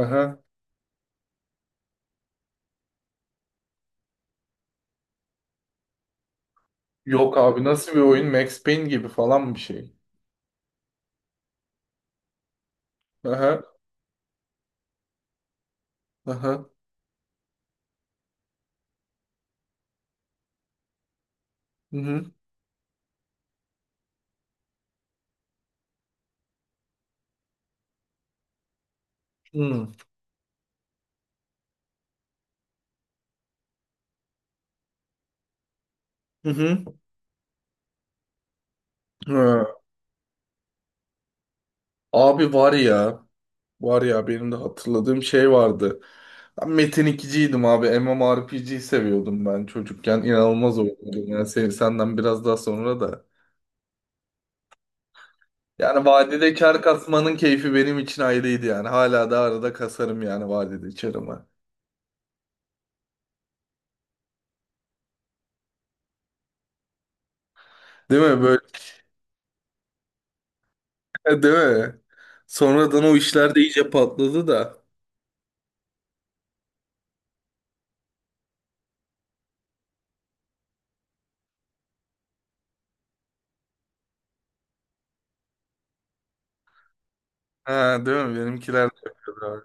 Aha. Yok abi nasıl bir oyun? Max Payne gibi falan bir şey. Aha. Aha. Hı hı. Hı hı. Hı. Ha. Abi var ya. Var ya benim de hatırladığım şey vardı. Ben Metin ikiciydim abi. MMORPG'yi seviyordum ben çocukken. İnanılmaz oynuyordum. Yani sen, senden biraz daha sonra da. Yani vadide kar kasmanın keyfi benim için ayrıydı yani. Hala da arada kasarım yani vadide karımı. Değil mi? Böyle, değil mi? Sonradan o işler de iyice patladı da. Ha, değil mi? Benimkiler de yapıyordu abi.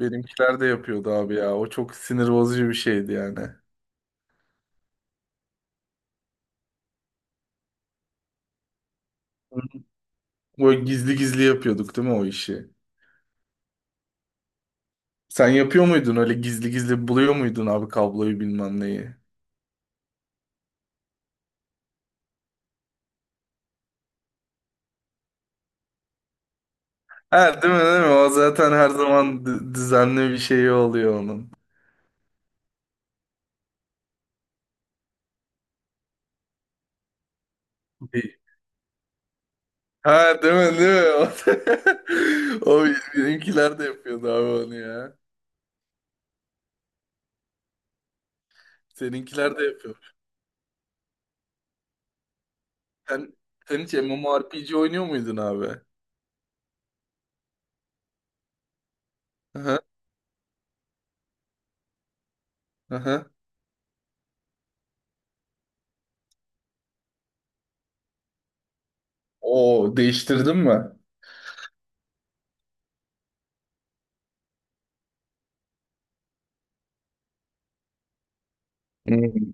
Benimkiler de yapıyordu abi ya. O çok sinir bozucu bir şeydi yani. Böyle gizli gizli yapıyorduk değil mi o işi? Sen yapıyor muydun öyle gizli gizli buluyor muydun abi kabloyu bilmem neyi? Ha değil mi değil mi? O zaten her zaman düzenli bir şey oluyor onun. Bir- Ha değil mi değil mi? O, o benimkiler de yapıyordu abi onu ya. Seninkiler de yapıyor. Sen, sen hiç MMORPG oynuyor muydun abi? Aha, aha. O değiştirdin mi? Hmm.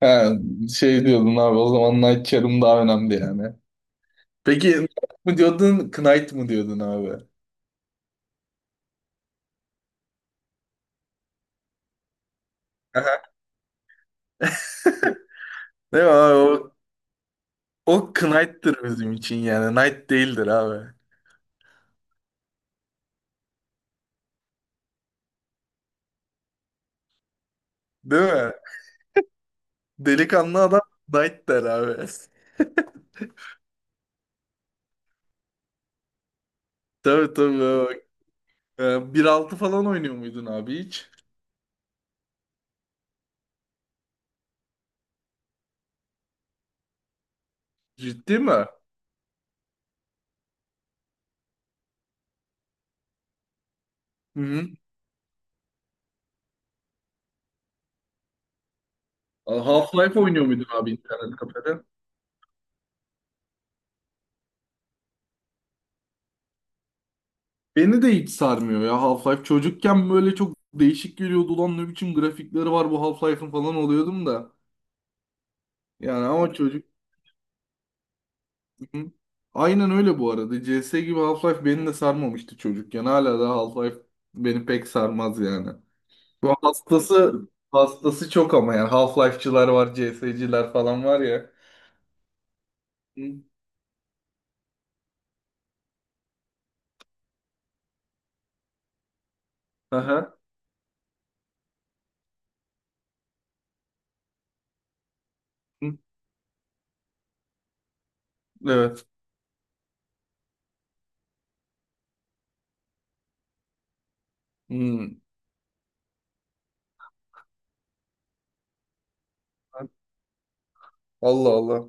Ha, şey diyordun abi o zaman Night Charm daha önemli yani. Peki Knight mı diyordun Knight mı diyordun abi? Aha. Değil mi abi o, o Knight'tır bizim için yani Knight değildir abi. Değil mi? Delikanlı adam Knight der abi. Tabii tabii, abi. Ee, 1.6 falan oynuyor muydun abi hiç? Ciddi mi? Hı hı. Half-Life oynuyor muydun abi internet kafede? Beni de hiç sarmıyor ya Half-Life. Çocukken böyle çok değişik geliyordu. Ulan ne biçim grafikleri var bu Half-Life'ın falan oluyordum da. Yani ama çocuk... Hı. Aynen öyle bu arada. C S gibi Half-Life beni de sarmamıştı çocukken. Hala da Half-Life beni pek sarmaz yani. Bu hastası çok ama yani Half-Life'çılar var, CS'ciler falan var ya. Hı. Aha. Hı. Evet. Hı. Allah Allah.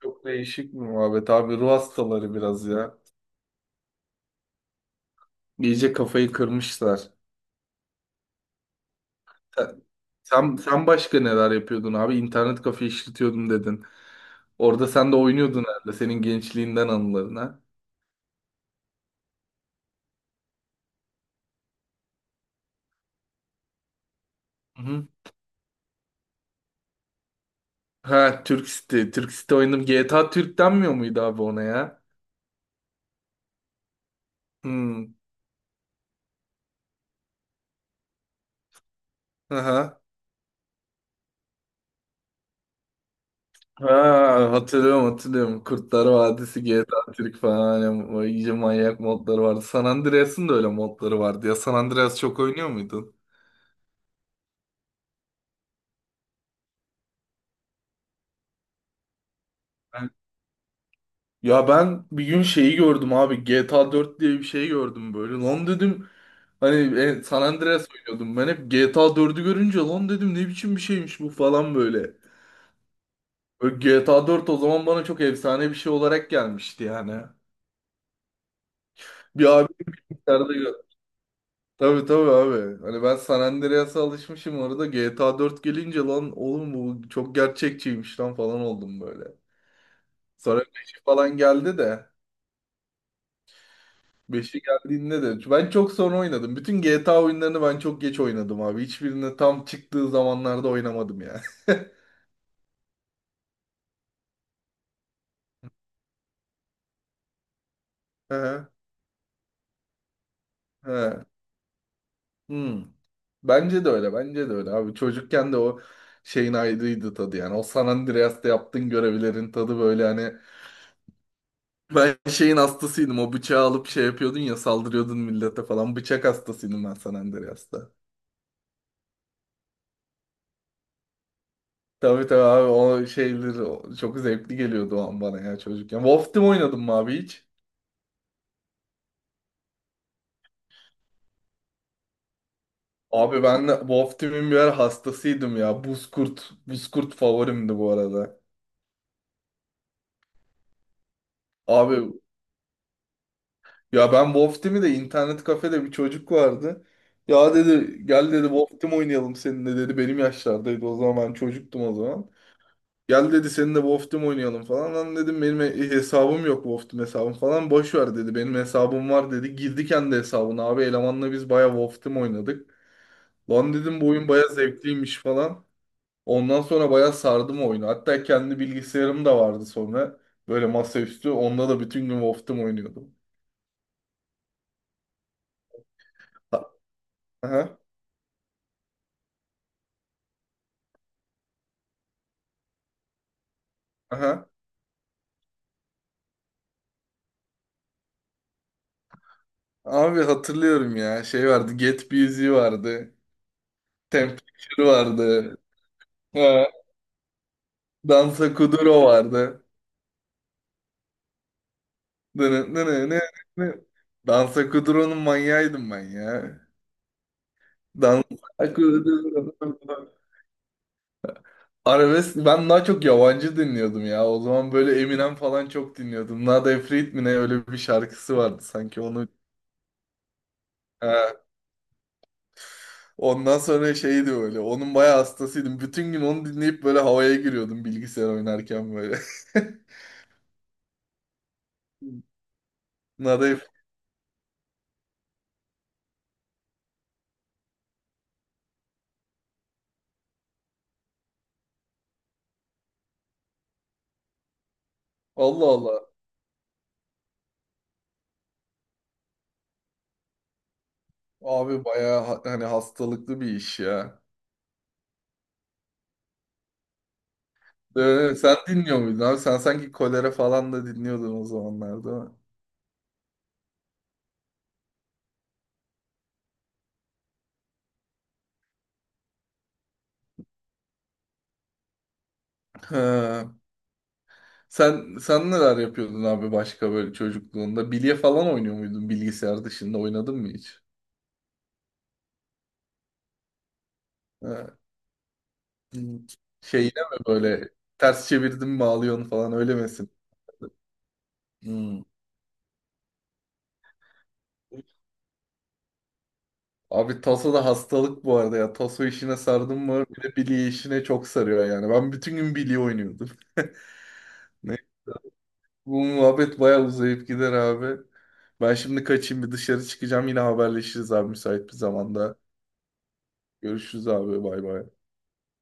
Çok değişik bir muhabbet abi. Ruh hastaları biraz ya. İyice kafayı kırmışlar. Sen başka neler yapıyordun abi? İnternet kafe işletiyordum dedin. Orada sen de oynuyordun herhalde senin gençliğinden anıların ha. Hı hı. Ha Türk City. Türk City oynadım. GTA Türk denmiyor muydu abi ona ya? Hmm. Aha. Ha, hatırlıyorum hatırlıyorum. Kurtlar Vadisi, GTA Türk falan. Yani, o iyice manyak modları vardı. San Andreas'ın da öyle modları vardı ya. San Andreas çok oynuyor muydun? Ya ben bir gün şeyi gördüm abi. GTA 4 diye bir şey gördüm böyle. Lan dedim hani San Andreas oynuyordum. Ben hep GTA 4'ü görünce lan dedim ne biçim bir şeymiş bu falan böyle. Böyle GTA 4 o zaman bana çok efsane bir şey olarak gelmişti yani. Bir abi içeride gör- Tabii tabii abi. Hani ben San Andreas'a alışmışım orada GTA 4 gelince lan oğlum bu çok gerçekçiymiş lan falan oldum böyle. Sonra 5 falan geldi de. Beşi geldiğinde de ben çok sonra oynadım. Bütün GTA oyunlarını ben çok geç oynadım abi. Hiçbirini tam çıktığı zamanlarda oynamadım ya. He, he. Hmm. Bence de öyle. Bence de öyle abi. Çocukken de o şeyin ayrıydı tadı yani. O San Andreas'ta yaptığın görevlerin tadı böyle hani ben şeyin hastasıydım. O bıçağı alıp şey yapıyordun ya saldırıyordun millete falan. Bıçak hastasıydım ben San Andreas'ta. Tabii tabii abi o çok zevkli geliyordu o an bana ya çocukken. Wolf Team oynadım mı abi hiç? Abi ben de Wolf Team'in birer hastasıydım ya. Buzkurt, Buzkurt favorimdi bu arada. Abi ya ben Wolf Team'i de internet kafede bir çocuk vardı. Ya dedi gel dedi Wolf Team oynayalım seninle dedi. Benim yaşlardaydı o zaman ben çocuktum o zaman. Gel dedi seninle Wolf Team oynayalım falan. Lan dedim benim hesabım yok Wolf Team hesabım falan. Boş ver dedi benim hesabım var dedi. Girdi kendi hesabına abi elemanla biz baya Wolf Team oynadık. Lan dedim bu oyun baya zevkliymiş falan. Ondan sonra bayağı sardım oyunu. Hatta kendi bilgisayarım da vardı sonra. Böyle masaüstü. Onda da bütün gün Wolf'tum oynuyordum. Ha- Aha, aha. Abi hatırlıyorum ya. Şey vardı. Get Busy vardı. Temperature vardı. Ha. Dansa Kuduro vardı. Dını, dını, nı, nı. Dansa Kuduro'nun manyağıydım ben ya. Dansa Kuduro. Arabesk ben daha çok yabancı dinliyordum ya. O zaman böyle Eminem falan çok dinliyordum. Nada Efrit mi ne öyle bir şarkısı vardı sanki onu. He. Ondan sonra şeydi böyle. Onun bayağı hastasıydım. Bütün gün onu dinleyip böyle havaya giriyordum bilgisayar oynarken böyle. Nada Efrit. Allah Allah. Abi bayağı hani hastalıklı bir iş ya. Sen dinliyor muydun abi? Sen sanki kolera falan da dinliyordun o zamanlarda. Ha. Sen neler yapıyordun abi başka böyle çocukluğunda? Bilye falan oynuyor muydun bilgisayar dışında? Oynadın mı hiç? Ha. Hmm. Şey mi böyle ters çevirdim mi ağlıyorsun falan öyle misin? Hmm. Abi taso da hastalık bu arada ya. Taso işine sardım mı bir de bilye işine çok sarıyor yani. Ben bütün gün bilye oynuyordum. Ne? Bu muhabbet bayağı uzayıp gider abi. Ben şimdi kaçayım bir dışarı çıkacağım. Yine haberleşiriz abi müsait bir zamanda. Görüşürüz abi bay bay.